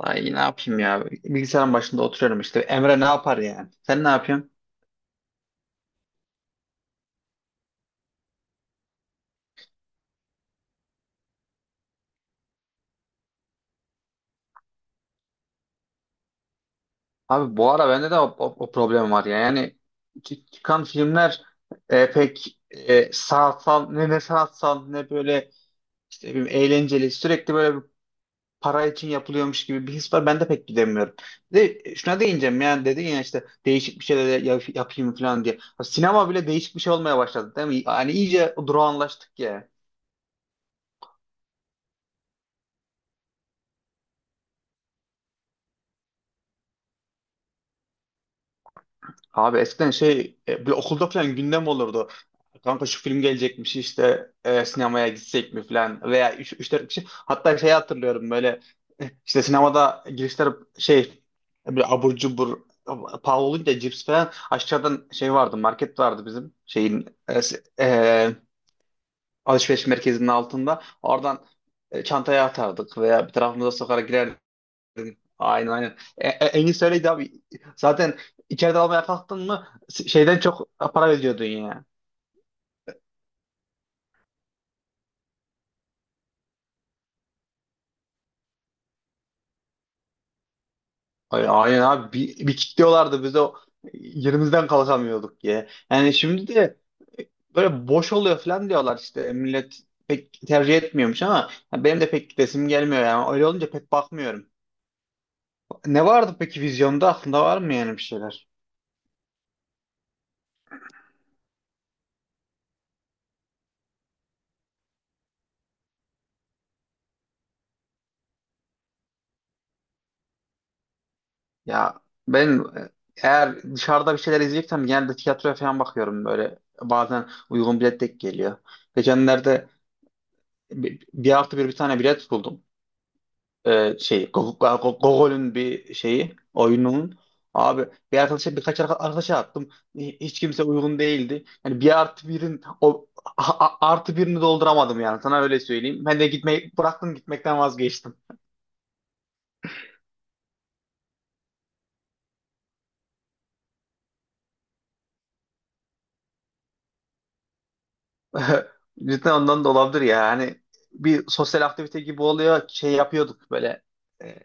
Ay ne yapayım ya? Bilgisayarın başında oturuyorum işte. Emre ne yapar yani? Sen ne yapıyorsun? Abi bu ara bende de o problem var ya. Yani çıkan filmler pek sanatsal ne sanatsal ne böyle işte bir eğlenceli, sürekli böyle bir para için yapılıyormuş gibi bir his var. Ben de pek gidemiyorum. Şuna değineceğim, yani dedin ya işte değişik bir şeyler yapayım falan diye. Abi sinema bile değişik bir şey olmaya başladı, değil mi? Yani iyice durağanlaştık ya. Abi eskiden şey, bir okulda falan gündem olurdu. Kanka, şu film gelecekmiş işte, sinemaya gitsek mi falan veya 3-4 kişi. Hatta şey, hatırlıyorum böyle, işte sinemada girişler şey, bir abur cubur pahalı olunca, cips falan aşağıdan şey vardı, market vardı bizim şeyin, alışveriş merkezinin altında. Oradan çantaya atardık veya bir tarafımıza sokarak girerdik. Aynen, aynen. En iyisi öyleydi abi. Zaten içeride almaya kalktın mı şeyden çok para veriyordun ya. Aynen abi, bir kilitliyorlardı bize, yerimizden kalkamıyorduk ya. Yani şimdi de e, böyle boş oluyor falan diyorlar, işte millet pek tercih etmiyormuş, ama benim de pek gidesim gelmiyor, yani öyle olunca pek bakmıyorum. Ne vardı peki vizyonda, aklında var mı yani bir şeyler? Ya ben eğer dışarıda bir şeyler izleyeceksem genelde tiyatroya falan bakıyorum, böyle bazen uygun bilet denk geliyor. Geçenlerde bir artı bir bir tane bilet buldum. Şey, Gogol'ün bir şeyi, oyunun. Abi bir arkadaşa, birkaç arkadaşa attım. Hiç kimse uygun değildi, yani bir artı birin o artı birini dolduramadım, yani sana öyle söyleyeyim, ben de gitmeyi bıraktım, gitmekten vazgeçtim. Cidden ondan da olabilir ya. Hani bir sosyal aktivite gibi oluyor. Şey yapıyorduk böyle. e,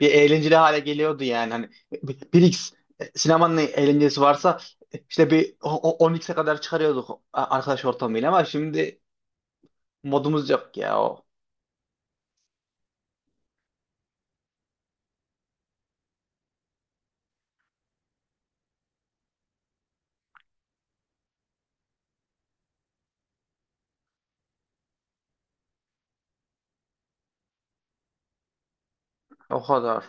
Bir eğlenceli hale geliyordu yani. Hani bir X, sinemanın eğlencesi varsa işte bir 10x'e kadar çıkarıyorduk arkadaş ortamıyla, ama şimdi modumuz yok ya o. O kadar.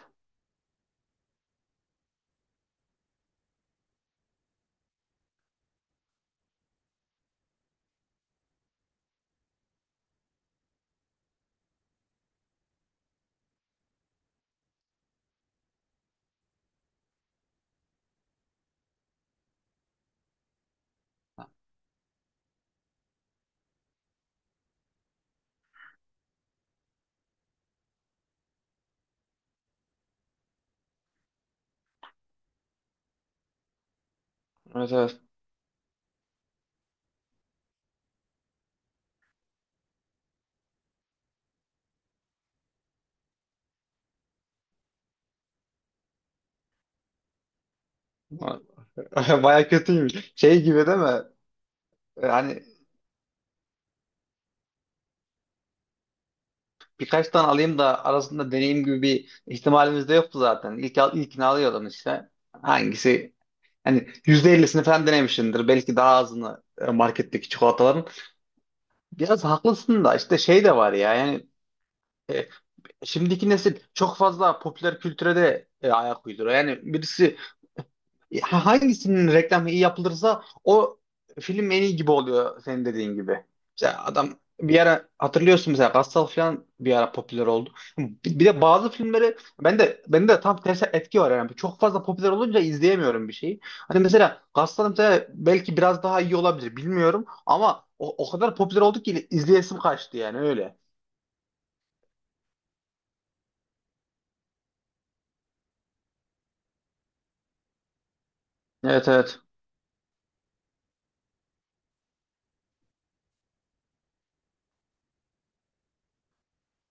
Evet, evet. Baya kötüymüş. Şey gibi değil mi? Yani birkaç tane alayım da arasında deneyim gibi bir ihtimalimiz de yoktu zaten. İlkini alıyordum işte. Hangisi Hani %50'sini falan denemişsindir. Belki daha azını, marketteki çikolataların. Biraz haklısın da, işte şey de var ya yani, e, şimdiki nesil çok fazla popüler kültüre de ayak uyduruyor. Yani birisi hangisinin reklamı iyi yapılırsa o film en iyi gibi oluyor, senin dediğin gibi. İşte adam, bir ara hatırlıyorsun, mesela Gassal falan bir ara popüler oldu. Bir de bazı filmleri, ben de tam tersi etki var yani. Çok fazla popüler olunca izleyemiyorum bir şeyi. Hani mesela Gassal, mesela belki biraz daha iyi olabilir bilmiyorum, ama o kadar popüler oldu ki izleyesim kaçtı yani, öyle. Evet, evet.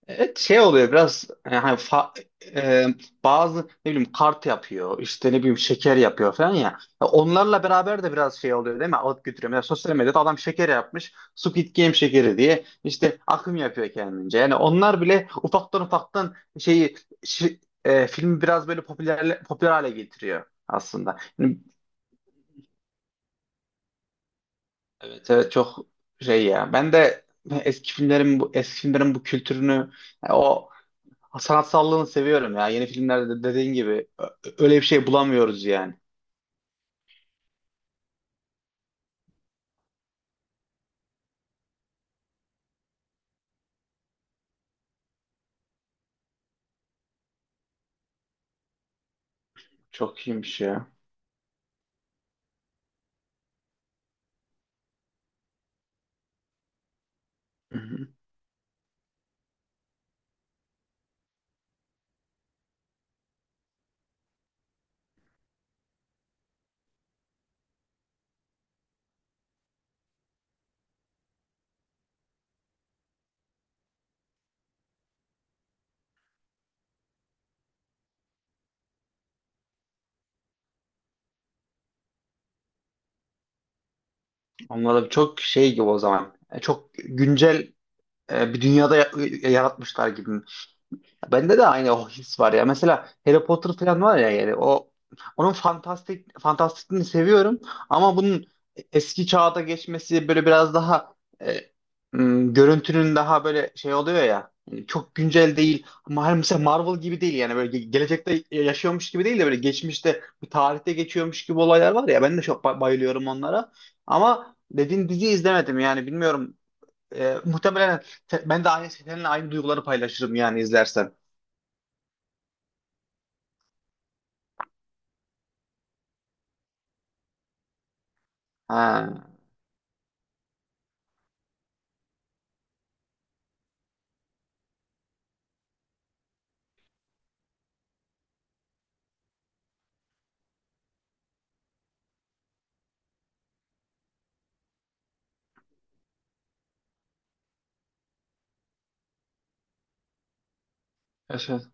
Evet, şey oluyor biraz yani, hani e, bazı ne bileyim kart yapıyor işte, ne bileyim şeker yapıyor falan ya. Ya, onlarla beraber de biraz şey oluyor değil mi? Alıp götürüyor. Mesela sosyal medyada adam şeker yapmış, Squid Game şekeri diye, işte akım yapıyor kendince. Yani onlar bile ufaktan ufaktan şeyi, filmi biraz böyle popüler popüler hale getiriyor aslında. Yani, evet, evet, çok şey ya. Ben de eski filmlerin bu kültürünü, o sanatsallığını seviyorum ya. Yeni filmlerde de dediğin gibi öyle bir şey bulamıyoruz yani. Çok iyiymiş ya. Hı hı. Onlar da çok şey gibi o zaman. Çok güncel bir dünyada yaratmışlar gibi. Bende de aynı o his var ya. Mesela Harry Potter falan var ya, yani onun fantastikliğini seviyorum, ama bunun eski çağda geçmesi böyle biraz daha, e, görüntünün daha böyle şey oluyor ya. Yani çok güncel değil. Ama mesela Marvel gibi değil yani, böyle gelecekte yaşıyormuş gibi değil de, böyle geçmişte bir tarihte geçiyormuş gibi olaylar var ya, ben de çok bayılıyorum onlara. Ama dediğin diziyi izlemedim, yani bilmiyorum. Muhtemelen ben de seninle aynı duyguları paylaşırım yani, izlersen. Ha, evet. Evet.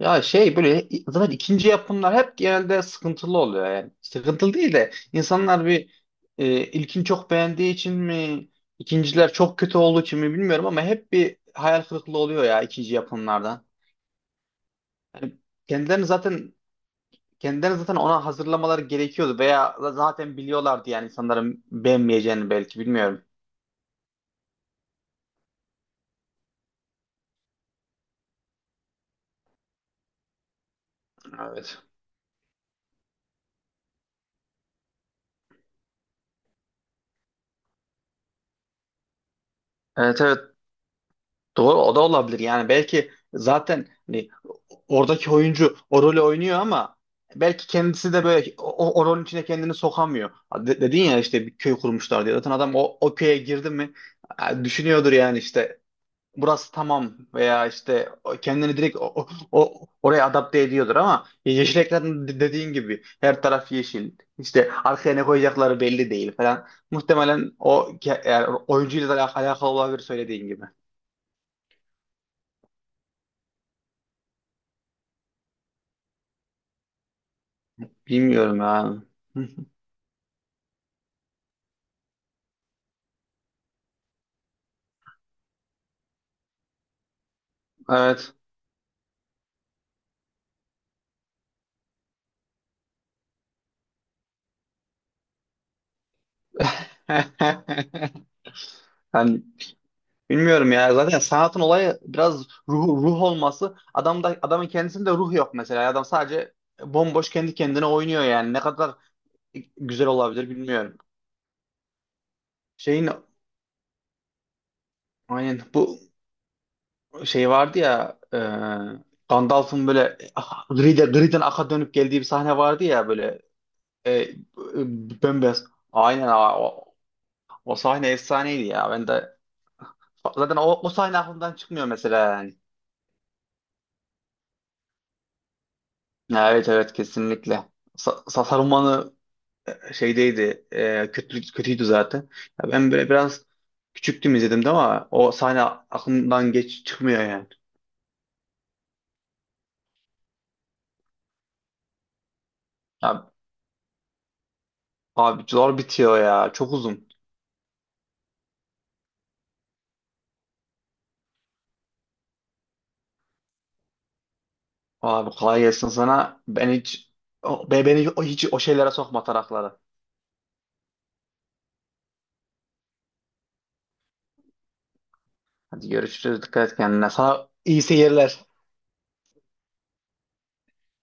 Ya şey, böyle zaten ikinci yapımlar hep genelde sıkıntılı oluyor yani. Sıkıntılı değil de, insanlar bir ilkini çok beğendiği için mi, ikinciler çok kötü olduğu için mi bilmiyorum, ama hep bir hayal kırıklığı oluyor ya ikinci yapımlardan. Yani kendilerini zaten kendilerini zaten ona hazırlamaları gerekiyordu, veya zaten biliyorlardı yani insanların beğenmeyeceğini, belki, bilmiyorum. Evet. Evet, evet. Doğru, o da olabilir. Yani belki zaten, hani oradaki oyuncu o rolü oynuyor, ama belki kendisi de böyle o rolün içine kendini sokamıyor. Dedin ya işte bir köy kurmuşlar diye. Zaten adam o köye girdi mi düşünüyordur yani, işte burası tamam, veya işte kendini direkt oraya adapte ediyordur, ama yeşil ekran, dediğin gibi her taraf yeşil. İşte arkaya ne koyacakları belli değil falan. Muhtemelen yani oyuncuyla da alakalı olabilir, söylediğin gibi. Bilmiyorum ya. Evet. Yani bilmiyorum ya. Zaten sanatın olayı biraz ruh olması. Adamın kendisinde ruh yok mesela. Adam sadece bomboş kendi kendine oynuyor yani. Ne kadar güzel olabilir bilmiyorum. Şeyin aynen bu şey vardı ya, Gandalf'ın böyle, griden aka dönüp geldiği bir sahne vardı ya böyle, e, e, bembeyaz. Aynen abi, o sahne efsaneydi ya. Ben de, zaten o sahne aklımdan çıkmıyor mesela yani. Ya, evet, evet, kesinlikle. Saruman'ı şeydeydi. Kötüydü zaten. Ya ben böyle biraz küçüktüm, izledim de, ama o sahne aklımdan geç çıkmıyor yani. Ya, abi zor bitiyor ya. Çok uzun. Abi kolay gelsin sana. Ben hiç beni hiç o şeylere sokma, taraklara. Hadi görüşürüz. Dikkat et kendine. Sana iyi seyirler.